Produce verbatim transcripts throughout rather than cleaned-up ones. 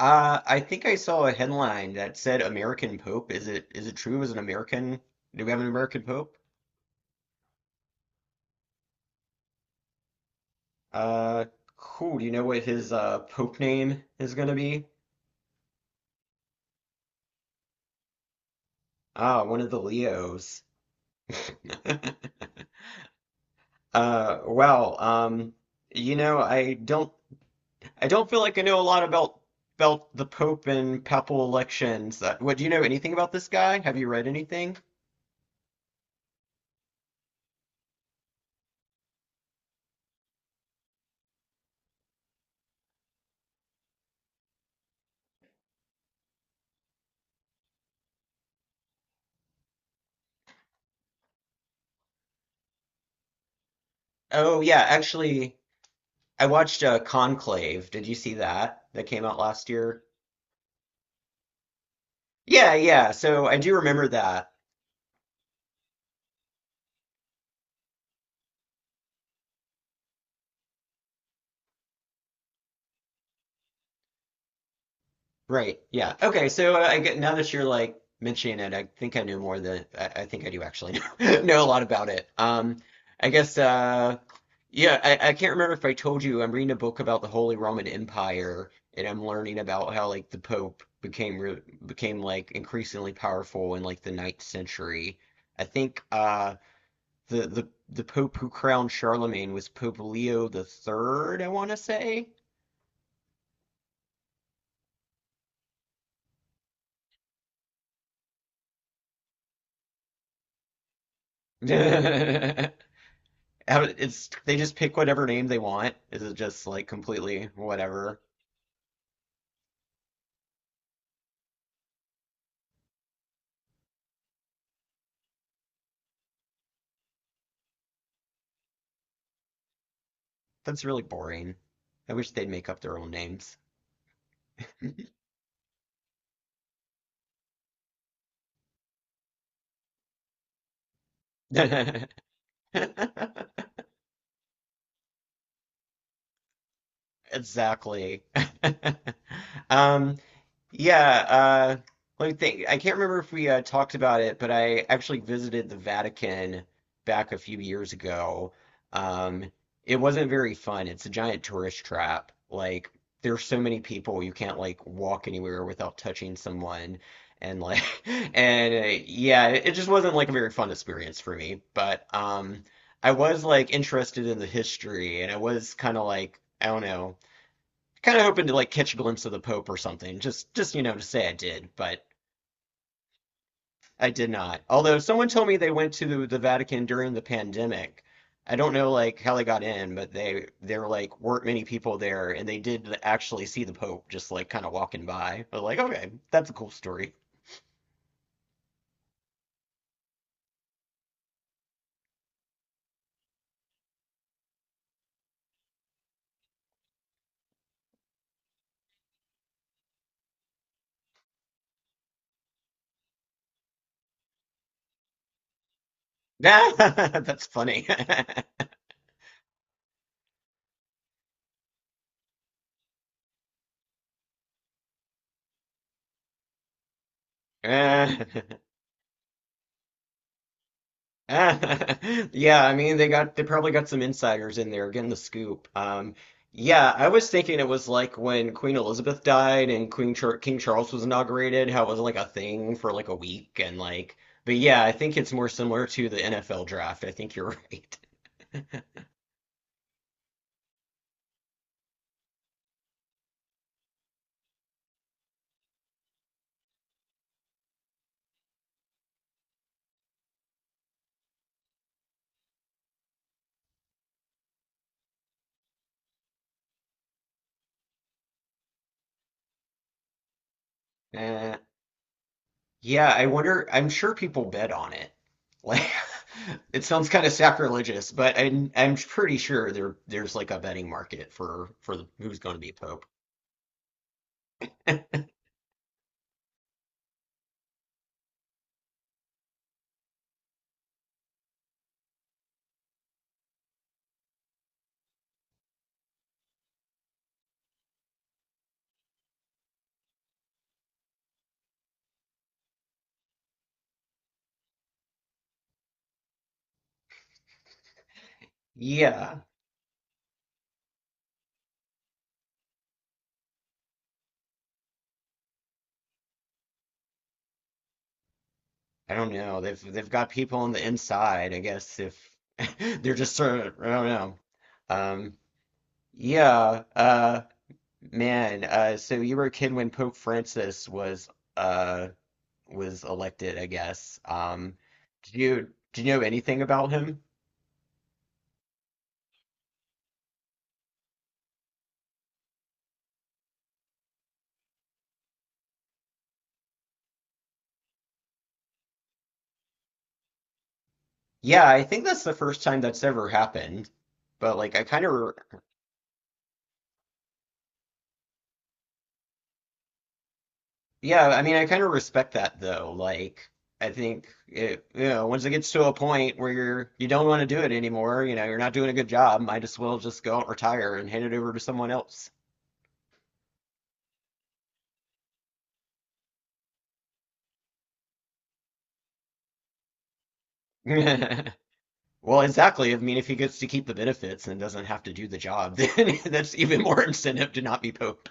Uh, I think I saw a headline that said American Pope. Is it is it true? Is an American? Do we have an American Pope? Uh, cool. Do you know what his uh Pope name is gonna be? Ah, one of the Leos. Uh, well, um, you know, I don't I don't feel like I know a lot about about the Pope and papal elections. Uh, what do you know anything about this guy? Have you read anything? Oh yeah, actually, I watched uh, Conclave. Did you see that? That came out last year. Yeah, yeah. So I do remember that. Right. Yeah. Okay. So uh, I get now that you're like mentioning it, I think I know more than I, I think I do actually know, know a lot about it. Um, I guess. Uh, yeah. I, I can't remember if I told you I'm reading a book about the Holy Roman Empire, and I'm learning about how like the Pope became re became like increasingly powerful in like the ninth century. I think uh the the the Pope who crowned Charlemagne was Pope Leo the Third, I want to say. It's they just pick whatever name they want. Is it just like completely whatever? That's really boring. I wish they'd make up their own names. Exactly. Um, yeah, uh, let me think. I can't remember if we uh, talked about it, but I actually visited the Vatican back a few years ago. Um, it wasn't very fun. It's a giant tourist trap. Like, there's so many people, you can't like walk anywhere without touching someone. And like, and uh, yeah, it just wasn't like a very fun experience for me. But um, I was like interested in the history, and I was kind of like, I don't know kind of hoping to like catch a glimpse of the Pope or something, just just you know to say I did, but I did not. Although someone told me they went to the Vatican during the pandemic. I don't know like how they got in, but they there like weren't many people there, and they did actually see the Pope just like kind of walking by. But like, okay, that's a cool story. That's funny. Eh. Yeah, I mean they got they probably got some insiders in there getting the scoop. Um, yeah, I was thinking it was like when Queen Elizabeth died and Queen Char King Charles was inaugurated, how it was like a thing for like a week and like, but yeah, I think it's more similar to the N F L draft. I think you're right. Uh, yeah, I wonder. I'm sure people bet on it. Like, it sounds kind of sacrilegious, but I'm I'm pretty sure there there's like a betting market for for who's going to be Pope. Yeah. I don't know. They've they've got people on the inside, I guess, if they're just sort of, I don't know. Um, yeah, uh, man, uh, so you were a kid when Pope Francis was uh was elected, I guess. Um, did you did you know anything about him? Yeah, I think that's the first time that's ever happened. But like I kind of. Yeah, I mean, I kind of respect that though. Like, I think it, you know, once it gets to a point where you're you don't want to do it anymore, you know, you're not doing a good job, might as well just go out and retire and hand it over to someone else. Well, exactly. I mean, if he gets to keep the benefits and doesn't have to do the job, then that's even more incentive to not be Pope.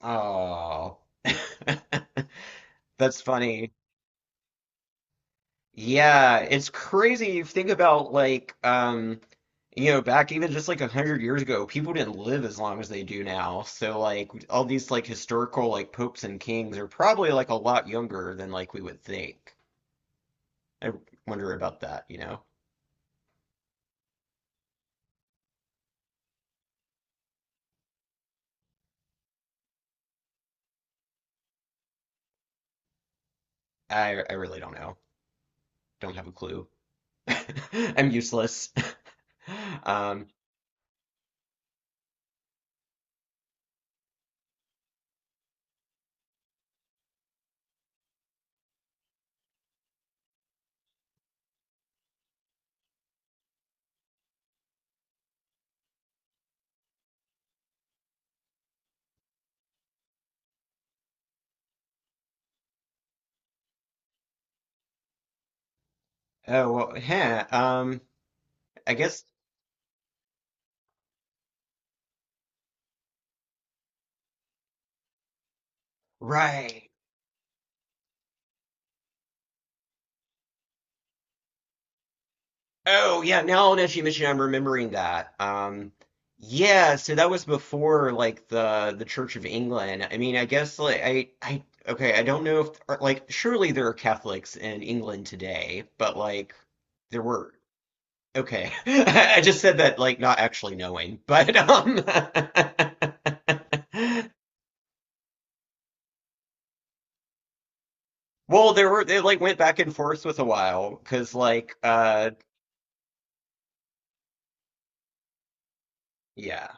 Oh, that's funny. Yeah, it's crazy. You think about like um you know, back even just like a hundred years ago, people didn't live as long as they do now. So like all these like historical like popes and kings are probably like a lot younger than like we would think. I wonder about that, you know. I I really don't know. Don't have a clue. I'm useless. Um oh well, heh, um I guess. Right. Oh yeah, now that you mention, it, I'm remembering that. Um, yeah, so that was before like the the Church of England. I mean, I guess like I I okay, I don't know if or, like surely there are Catholics in England today, but like there were okay. I just said that like not actually knowing, but um, well, there were they like went back and forth with a while because like uh yeah.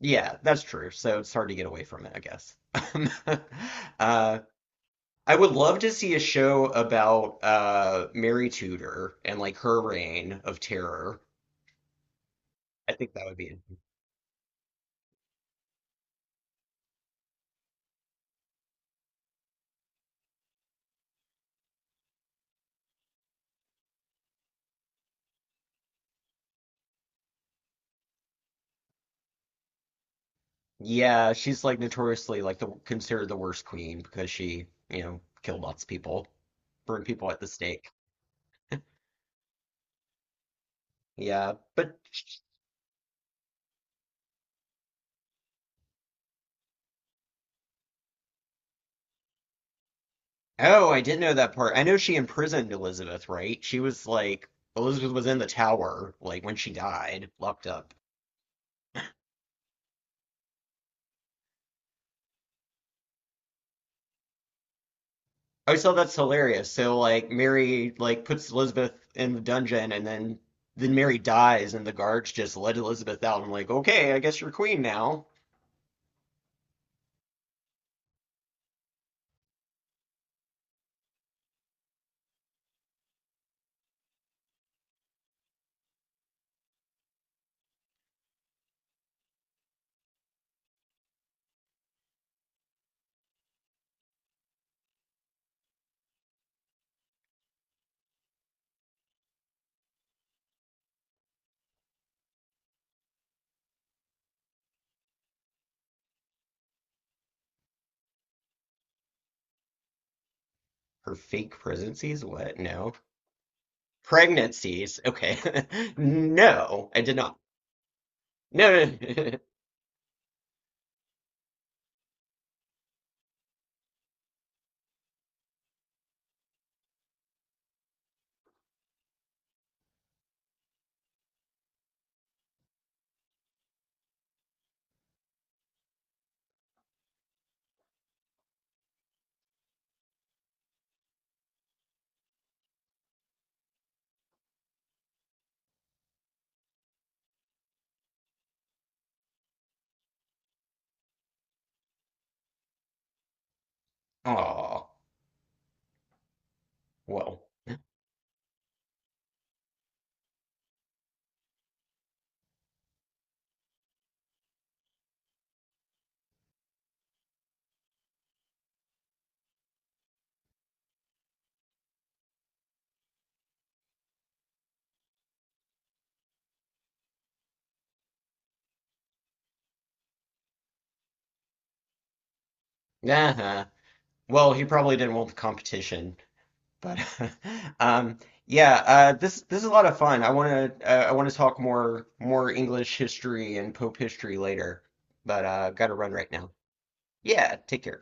Yeah, that's true. So it's hard to get away from it, I guess. Uh, I would love to see a show about uh, Mary Tudor and like her reign of terror. I think that would be. Yeah, she's like notoriously like the considered the worst queen because she, you know, killed lots of people, burned people at the stake. Yeah, but oh, I didn't know that part. I know she imprisoned Elizabeth, right? She was like Elizabeth was in the tower like when she died, locked up. I always thought that's hilarious. So like Mary like puts Elizabeth in the dungeon and then then Mary dies and the guards just let Elizabeth out. I'm like, okay, I guess you're queen now. Her fake pregnancies? What? No. Pregnancies. Okay. No, I did not. No. No. Oh, well. Uh-huh. Well, he probably didn't want the competition. But um, yeah, uh, this this is a lot of fun. I want to uh, I want to talk more more English history and Pope history later, but uh, got to run right now. Yeah, take care.